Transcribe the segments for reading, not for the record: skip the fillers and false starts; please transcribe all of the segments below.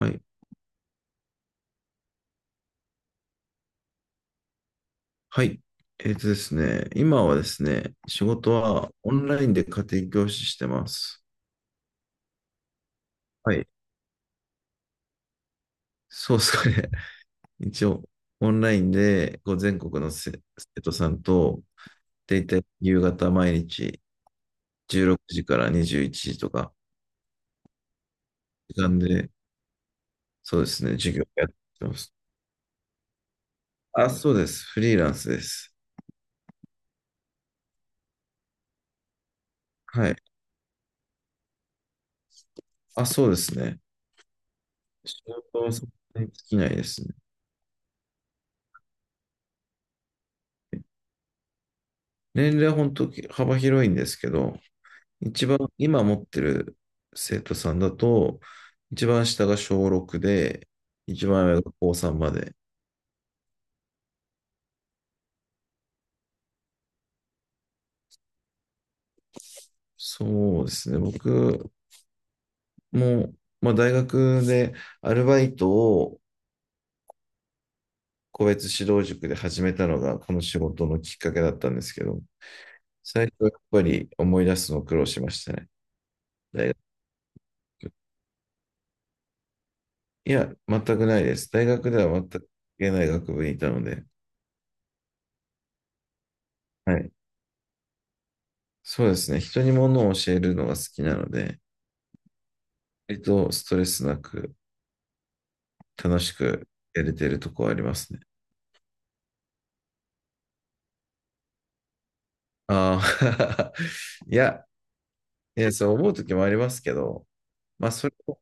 はい。はい。ですね、今はですね、仕事はオンラインで家庭教師してます。はい。そうですかね。一応、オンラインでこう全国の生徒さんと、大体夕方毎日16時から21時とか、時間で、そうですね、授業やってます。あ、そうです。フリーランスです。はい。あ、そうですね。仕事はそんなに尽きないですね。年齢は本当幅広いんですけど、一番今持ってる生徒さんだと、一番下が小6で、一番上が高3まで。そうですね。僕も、まあ、大学でアルバイトを個別指導塾で始めたのがこの仕事のきっかけだったんですけど、最初はやっぱり思い出すの苦労しましたね。大学。いや、全くないです。大学では全く関係ない学部にいたので、はい。そうですね。人に物を教えるのが好きなので、割とストレスなく、楽しくやれてるとこはありますね。ああ、いや、いや、そう思うときもありますけど、まあ、それを、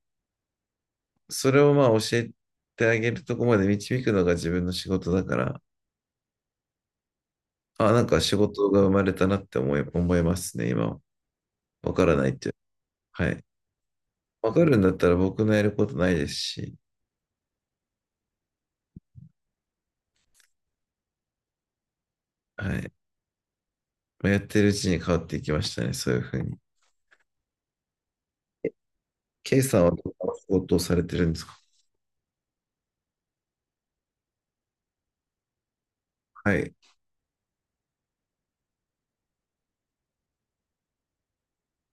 それをまあ、教えてあげるとこまで導くのが自分の仕事だから、あ、なんか仕事が生まれたなって思いますね、今は。わからないっていう。はい。わかるんだったら僕のやることないですし、はい。まあやってるうちに変わっていきましたね、そういうふうに。え K さんはどんな仕事をされてるんですか？はい。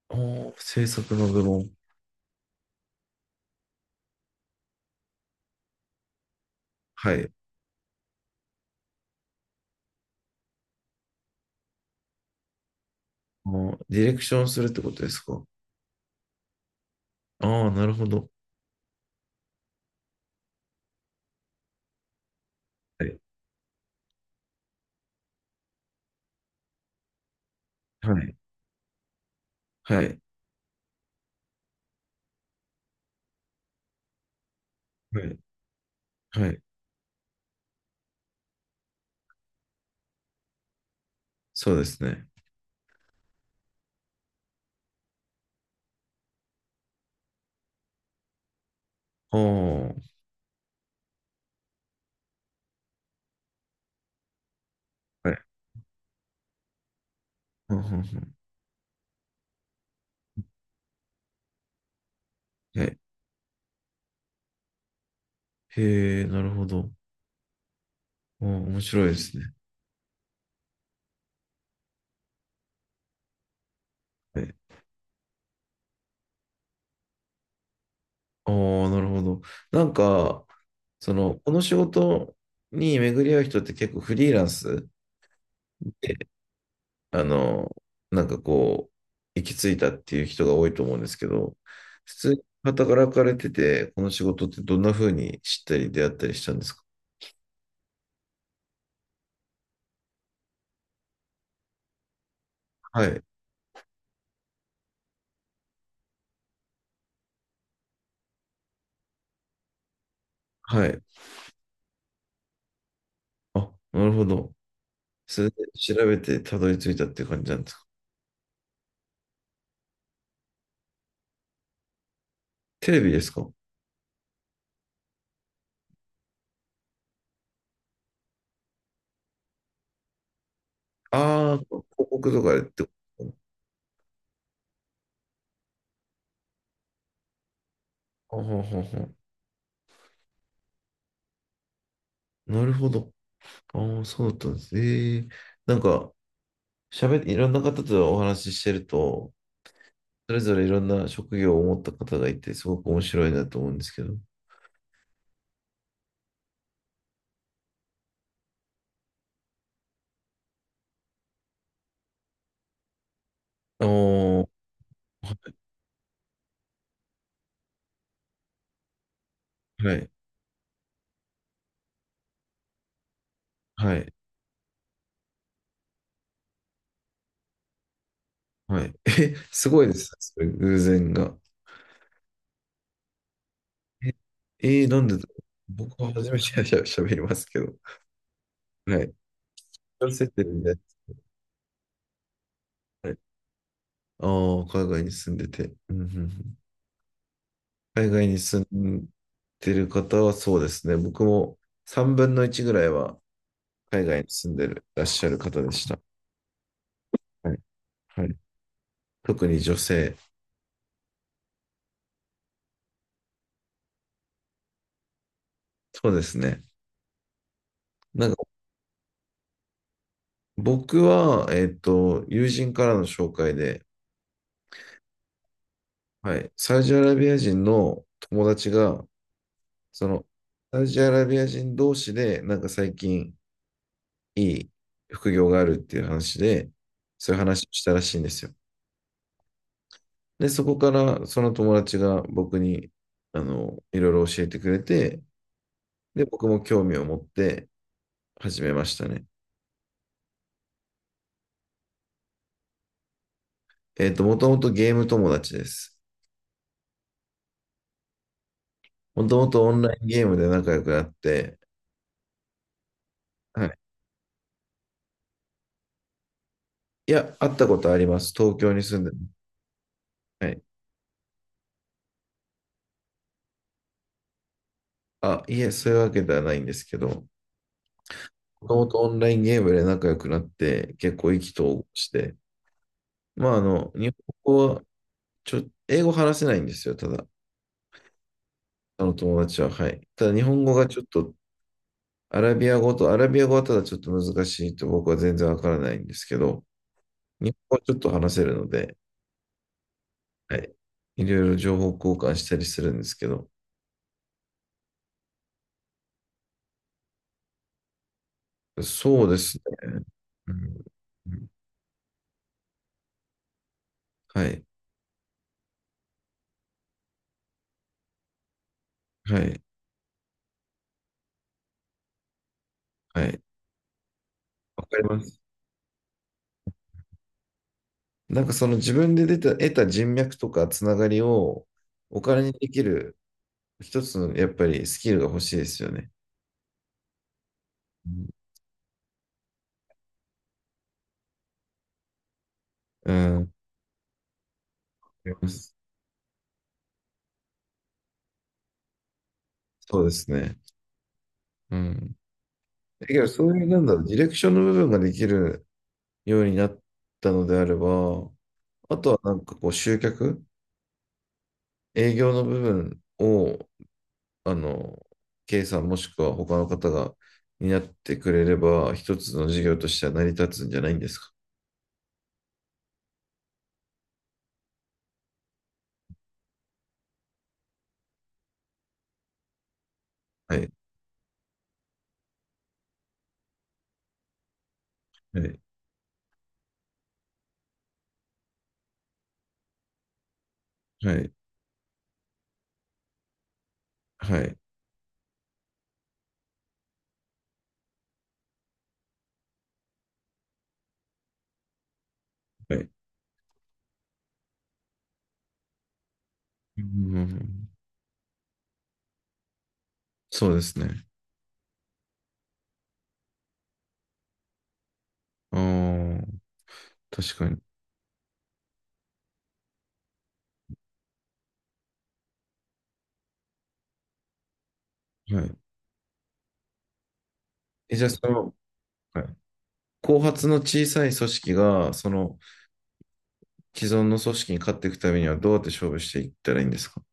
おー、制作の部門。はい。もうディレクションするってことですか？ああ、なるほど。はい。はい。はい。はい。はい。そうですね。ああ、はい。うんうんうん、はい。へえ、なるほど。あー面白いですね。はい。ああ、なるほど。なんか、その、この仕事に巡り合う人って結構フリーランスで、あの、なんかこう、行き着いたっていう人が多いと思うんですけど、普通に働かれてて、この仕事ってどんな風に知ったり出会ったりしたんですか？はい。はい。あ、なるほど。それで調べてたどり着いたって感じなんですか。テレビですか？ああー、広告とかでってことか？あははは。なるほど。ああ、そうだったんですね。ええ、なんか、喋って、いろんな方とお話ししてると、それぞれいろんな職業を持った方がいて、すごく面白いなと思うんですけど。おー、はい、はい、はい。え、すごいですね。それ偶然が。え、えーなんでだろう、僕は初めてしゃべりますけど。はい。男性ってるんで。はい。ああ、海外に住んでて。うんうんうん。海外に住んでる方はそうですね。僕も3分の1ぐらいは海外に住んでる、いらっしゃる方でした。はい。はい。特に女性。そうですね。なんか僕は、友人からの紹介で、はい。サウジアラビア人の友達が、その、サウジアラビア人同士で、なんか最近いい副業があるっていう話で、そういう話をしたらしいんですよ。で、そこからその友達が僕に、あの、いろいろ教えてくれて、で、僕も興味を持って始めましたね。もともとゲーム友達です。もともとオンラインゲームで仲良くなって、はい。いや、会ったことあります。東京に住んで、はい。あ、いえ、そういうわけではないんですけど、もともとオンラインゲームで仲良くなって、結構意気投合して、まあ、あの、日本語は、ちょ、英語話せないんですよ、ただ。あの友達は、はい。ただ、日本語がちょっとアラビア語と、アラビア語はただちょっと難しいと僕は全然わからないんですけど、日本語はちょっと話せるので、はい。いろいろ情報交換したりするんですけど、そうですね。うんうん、はい、はい、はい。わかります。なんかその自分で出た、得た人脈とかつながりをお金にできる一つのやっぱりスキルが欲しいですよね。うん、うん、わかります。そうですね。うん。だけどそういうなんだろう、ディレクションの部分ができるようになったのであれば、あとはなんかこう集客、営業の部分を、あの、K さんもしくは他の方が担ってくれれば、一つの事業としては成り立つんじゃないんですか。はい、はい、はい、はい、はい。うん、そうですね。ああ、確かに。はい。じゃあその、はい、後発の小さい組織が、その既存の組織に勝っていくためにはどうやって勝負していったらいいんですか。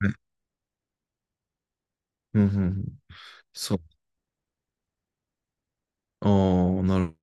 はい。うんうんうん、そう。ああ、なる